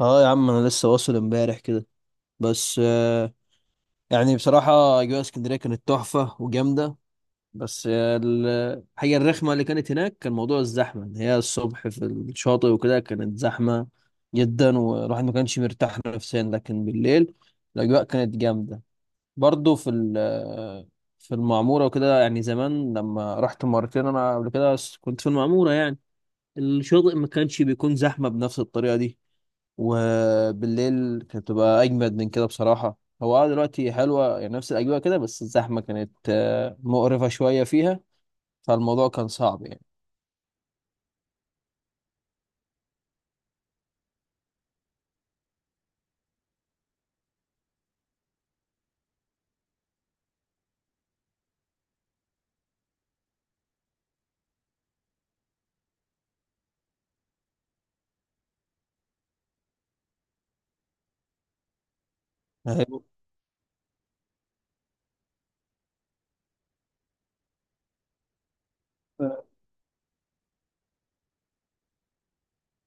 اه يا عم، انا لسه واصل امبارح كده. بس يعني بصراحة اجواء اسكندرية كانت تحفة وجامدة. بس الحاجة الرخمة اللي كانت هناك كان موضوع الزحمة ان هي الصبح في الشاطئ وكده كانت زحمة جدا، والواحد ما كانش مرتاح نفسيا، لكن بالليل الاجواء كانت جامدة برضو في في المعمورة وكده. يعني زمان لما رحت مرتين انا قبل كده كنت في المعمورة، يعني الشاطئ ما كانش بيكون زحمة بنفس الطريقة دي، وبالليل كانت بتبقى اجمد من كده بصراحه. هو اه دلوقتي حلوه، يعني نفس الاجواء كده، بس الزحمه كانت مقرفه شويه فيها، فالموضوع كان صعب يعني. هي-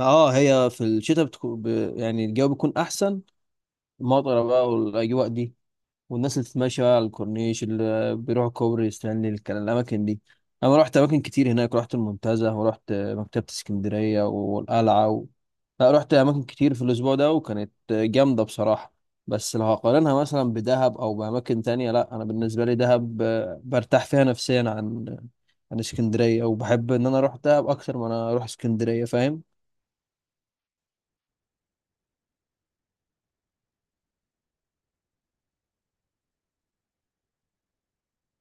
اه هي في الشتاء بتكون يعني الجو بيكون احسن، المطره بقى والاجواء دي، والناس اللي تتمشى على الكورنيش، اللي بيروحوا كوبري ستانلي الكلام، الأماكن دي. أنا رحت أماكن كتير هناك، رحت المنتزه ورحت مكتبة اسكندرية والقلعة لا، رحت أماكن كتير في الأسبوع ده وكانت جامدة بصراحة. بس لو هقارنها مثلا بدهب أو بأماكن تانية، لا أنا بالنسبة لي دهب برتاح فيها نفسيا عن اسكندرية، وبحب إن أنا أروح دهب أكتر ما أنا أروح اسكندرية، فاهم.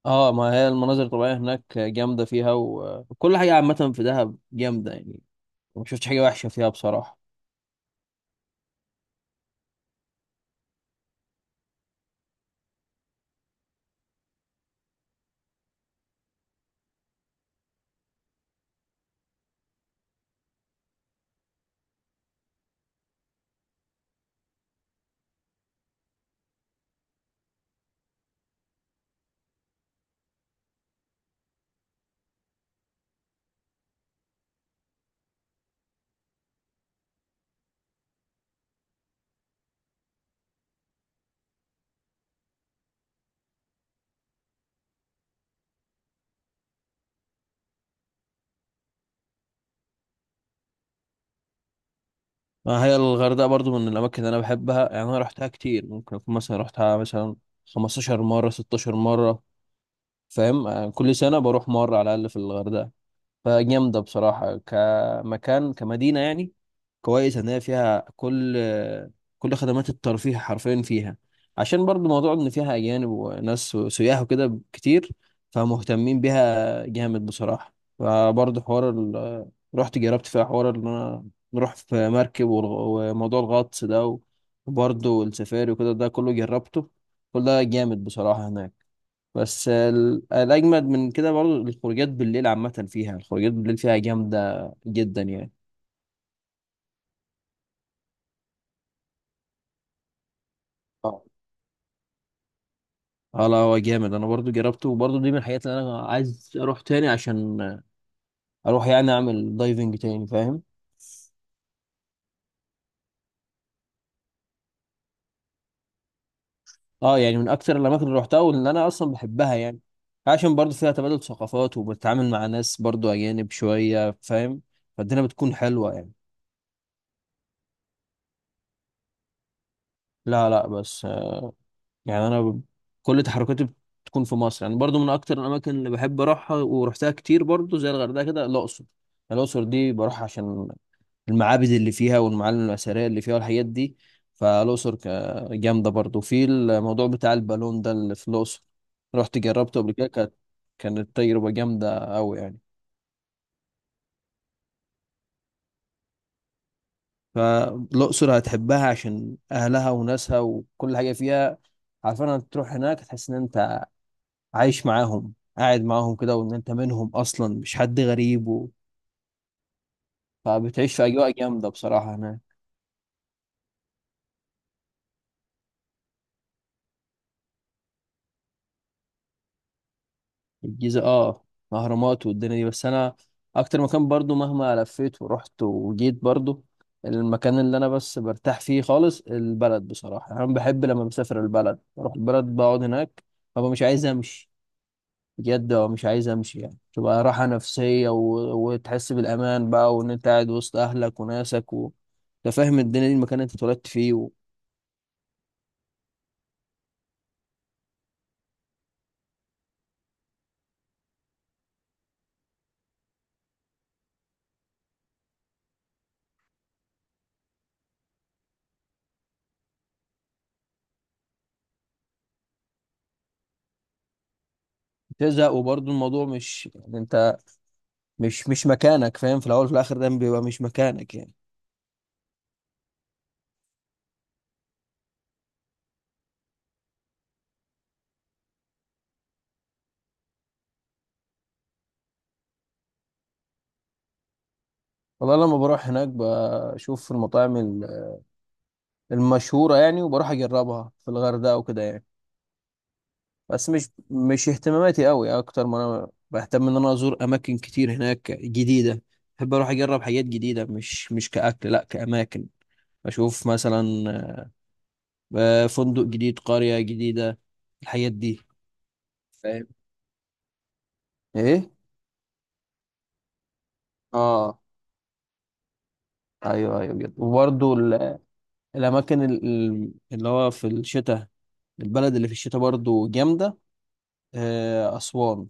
اه ما هي المناظر الطبيعية هناك جامدة فيها وكل حاجة عامة في دهب جامدة يعني، ما شفتش حاجه وحشه فيها بصراحه. ما هي الغردقه برضو من الاماكن اللي انا بحبها يعني، انا رحتها كتير، ممكن اكون مثلا رحتها مثلا 15 مره، 16 مره، فاهم. كل سنه بروح مره على الاقل في الغردقه، فجامدة بصراحة كمكان كمدينة يعني. كويس إن هي فيها كل خدمات الترفيه حرفيا فيها، عشان برضو موضوع إن فيها أجانب وناس سياح وكده كتير، فمهتمين بيها جامد بصراحة. فبرضو رحت جربت فيها حوار إن أنا نروح في مركب وموضوع الغطس ده، وبرضو السفاري وكده ده كله جربته، كل ده جامد بصراحة هناك. بس الأجمد من كده برضه الخروجات بالليل، عامة فيها الخروجات بالليل فيها جامدة جدا يعني. اه. اه لا، هو جامد، انا برضو جربته، وبرضو دي من الحاجات اللي انا عايز اروح تاني عشان اروح يعني اعمل دايفنج تاني، فاهم. اه يعني من اكتر الاماكن اللي روحتها واللي انا اصلا بحبها يعني، عشان برضو فيها تبادل ثقافات، وبتتعامل مع ناس برضو اجانب شوية، فاهم، فالدنيا بتكون حلوة يعني. لا، لا، بس يعني كل تحركاتي بتكون في مصر يعني، برضو من اكتر الاماكن اللي بحب اروحها ورحتها كتير برضو زي الغردقه كده، الاقصر. الاقصر دي بروح عشان المعابد اللي فيها والمعالم الاثريه اللي فيها والحاجات دي. فالاقصر ك- جامده برضو في الموضوع بتاع البالون ده اللي في الاقصر، رحت جربته قبل كده، كانت تجربه جامده قوي يعني. فالاقصر هتحبها عشان اهلها وناسها وكل حاجه فيها، عارفين انك تروح هناك تحس ان انت عايش معاهم، قاعد معاهم كده، وان انت منهم اصلا مش حد غريب فبتعيش في اجواء جامده بصراحه هناك. الجيزه، اه، اهرامات والدنيا دي. بس انا اكتر مكان برضو مهما لفيت ورحت وجيت، برضو المكان اللي انا بس برتاح فيه خالص البلد بصراحه. انا بحب لما بسافر البلد بروح البلد بقعد هناك، ببقى مش عايز امشي، بجد ببقى مش عايز امشي يعني، تبقى راحه نفسيه وتحس بالامان بقى، وان انت قاعد وسط اهلك وناسك انت فاهم الدنيا دي، المكان اللي انت اتولدت فيه. تزهق، وبرضه الموضوع مش يعني انت مش مكانك، فاهم، في الاول وفي الاخر ده بيبقى مش مكانك يعني. والله لما بروح هناك بشوف المشهورة يعني، وبروح اجربها في الغردقة وكده يعني. بس مش اهتماماتي قوي، اكتر ما انا بهتم ان انا ازور اماكن كتير هناك جديدة، بحب اروح اجرب حاجات جديدة، مش كأكل لا كأماكن، اشوف مثلا فندق جديد، قرية جديدة، الحاجات دي. فاهم. ايه. اه ايوه، ايوه جدا. وبرضه الأماكن اللي هو في الشتاء، البلد اللي في الشتاء برضو جامدة، أسوان.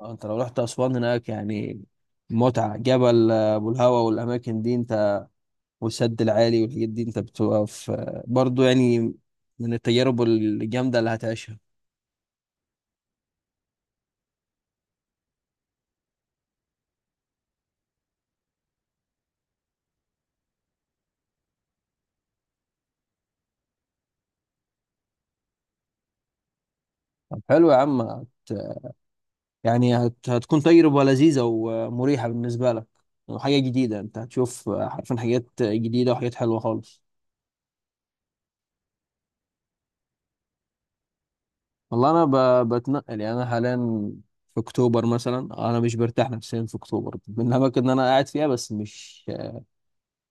أنت لو رحت أسوان هناك يعني، متعة. جبل أبو الهوا والأماكن دي أنت، والسد العالي والحاجات دي أنت، بتبقى في برضو يعني من التجارب الجامدة اللي هتعيشها. طب حلو يا عم، هت يعني هت هتكون تجربة لذيذة ومريحة بالنسبة لك، وحاجة جديدة، أنت هتشوف حرفيا حاجات جديدة وحاجات حلوة خالص. والله انا بتنقل يعني، انا حاليا في اكتوبر مثلا انا مش برتاح نفسيا، في اكتوبر من الاماكن اللي انا قاعد فيها بس مش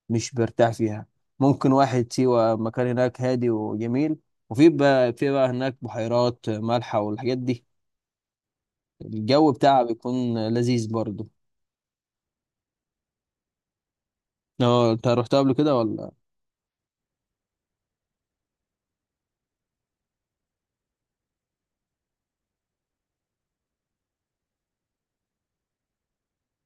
مش برتاح فيها. ممكن واحد سيوة، مكان هناك هادي وجميل، وفي بقى هناك بحيرات مالحة والحاجات دي، الجو بتاعها بيكون لذيذ برضه. اه انت رحتها قبل كده ولا؟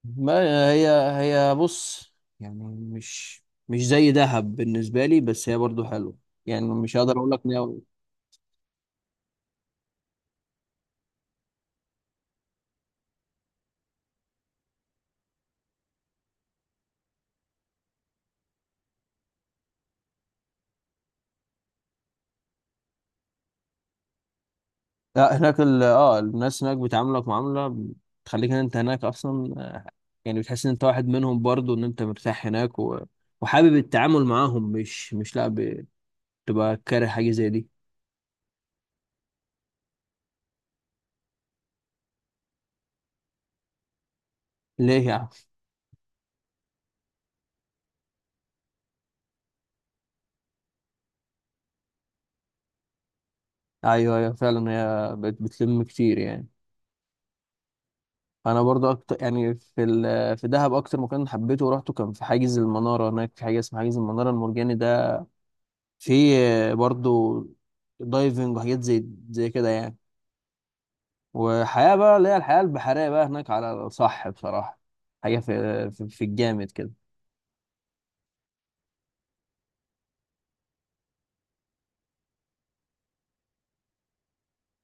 ما هي هي بص، يعني مش زي دهب بالنسبة لي، بس هي برضه حلوة، يعني مش هقدر اقول لك. لا هناك ال اه الناس هناك بتعاملك معاملة بتخليك ان انت هناك اصلا، يعني بتحس ان انت واحد منهم برضو، ان انت مرتاح هناك وحابب التعامل معاهم، مش مش لا ب- بتبقى كاره حاجة زي دي. ليه يا عم؟ ايوه، ايوه، فعلا هي بتلم كتير يعني. انا برضو اكتر يعني في دهب اكتر مكان حبيته ورحته كان في حاجز المنارة، هناك في حاجة اسمها حاجز المنارة المرجاني ده، في برضو دايفنج وحاجات زي كده يعني، وحياة بقى، اللي هي الحياة البحرية بقى هناك على الصح بصراحة. حاجة في في الجامد كده.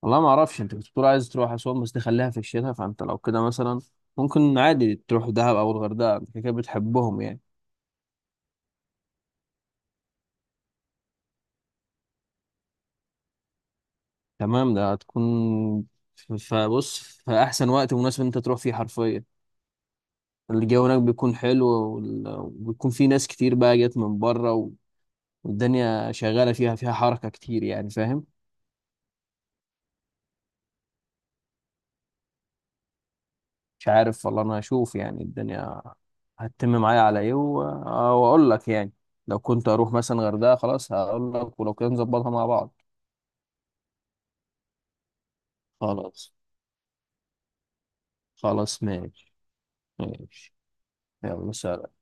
والله ما اعرفش، انت كنت بتقول عايز تروح اسوان بس تخليها في الشتاء، فانت لو كده مثلا ممكن عادي تروح دهب او الغردقة، انت كده كده بتحبهم يعني. تمام ده هتكون فبص، في احسن وقت مناسب إن انت تروح فيه حرفيا، الجو هناك بيكون حلو وبيكون في ناس كتير بقى جت من بره، والدنيا شغالة فيها حركة كتير يعني، فاهم. مش عارف والله، انا هشوف يعني الدنيا هتتم معايا على ايه واقول لك يعني. لو كنت اروح مثلا غردقة، خلاص هقول لك، ولو كده نظبطها مع بعض. خلاص، خلاص، ماشي. ماشي، يلا. سلام.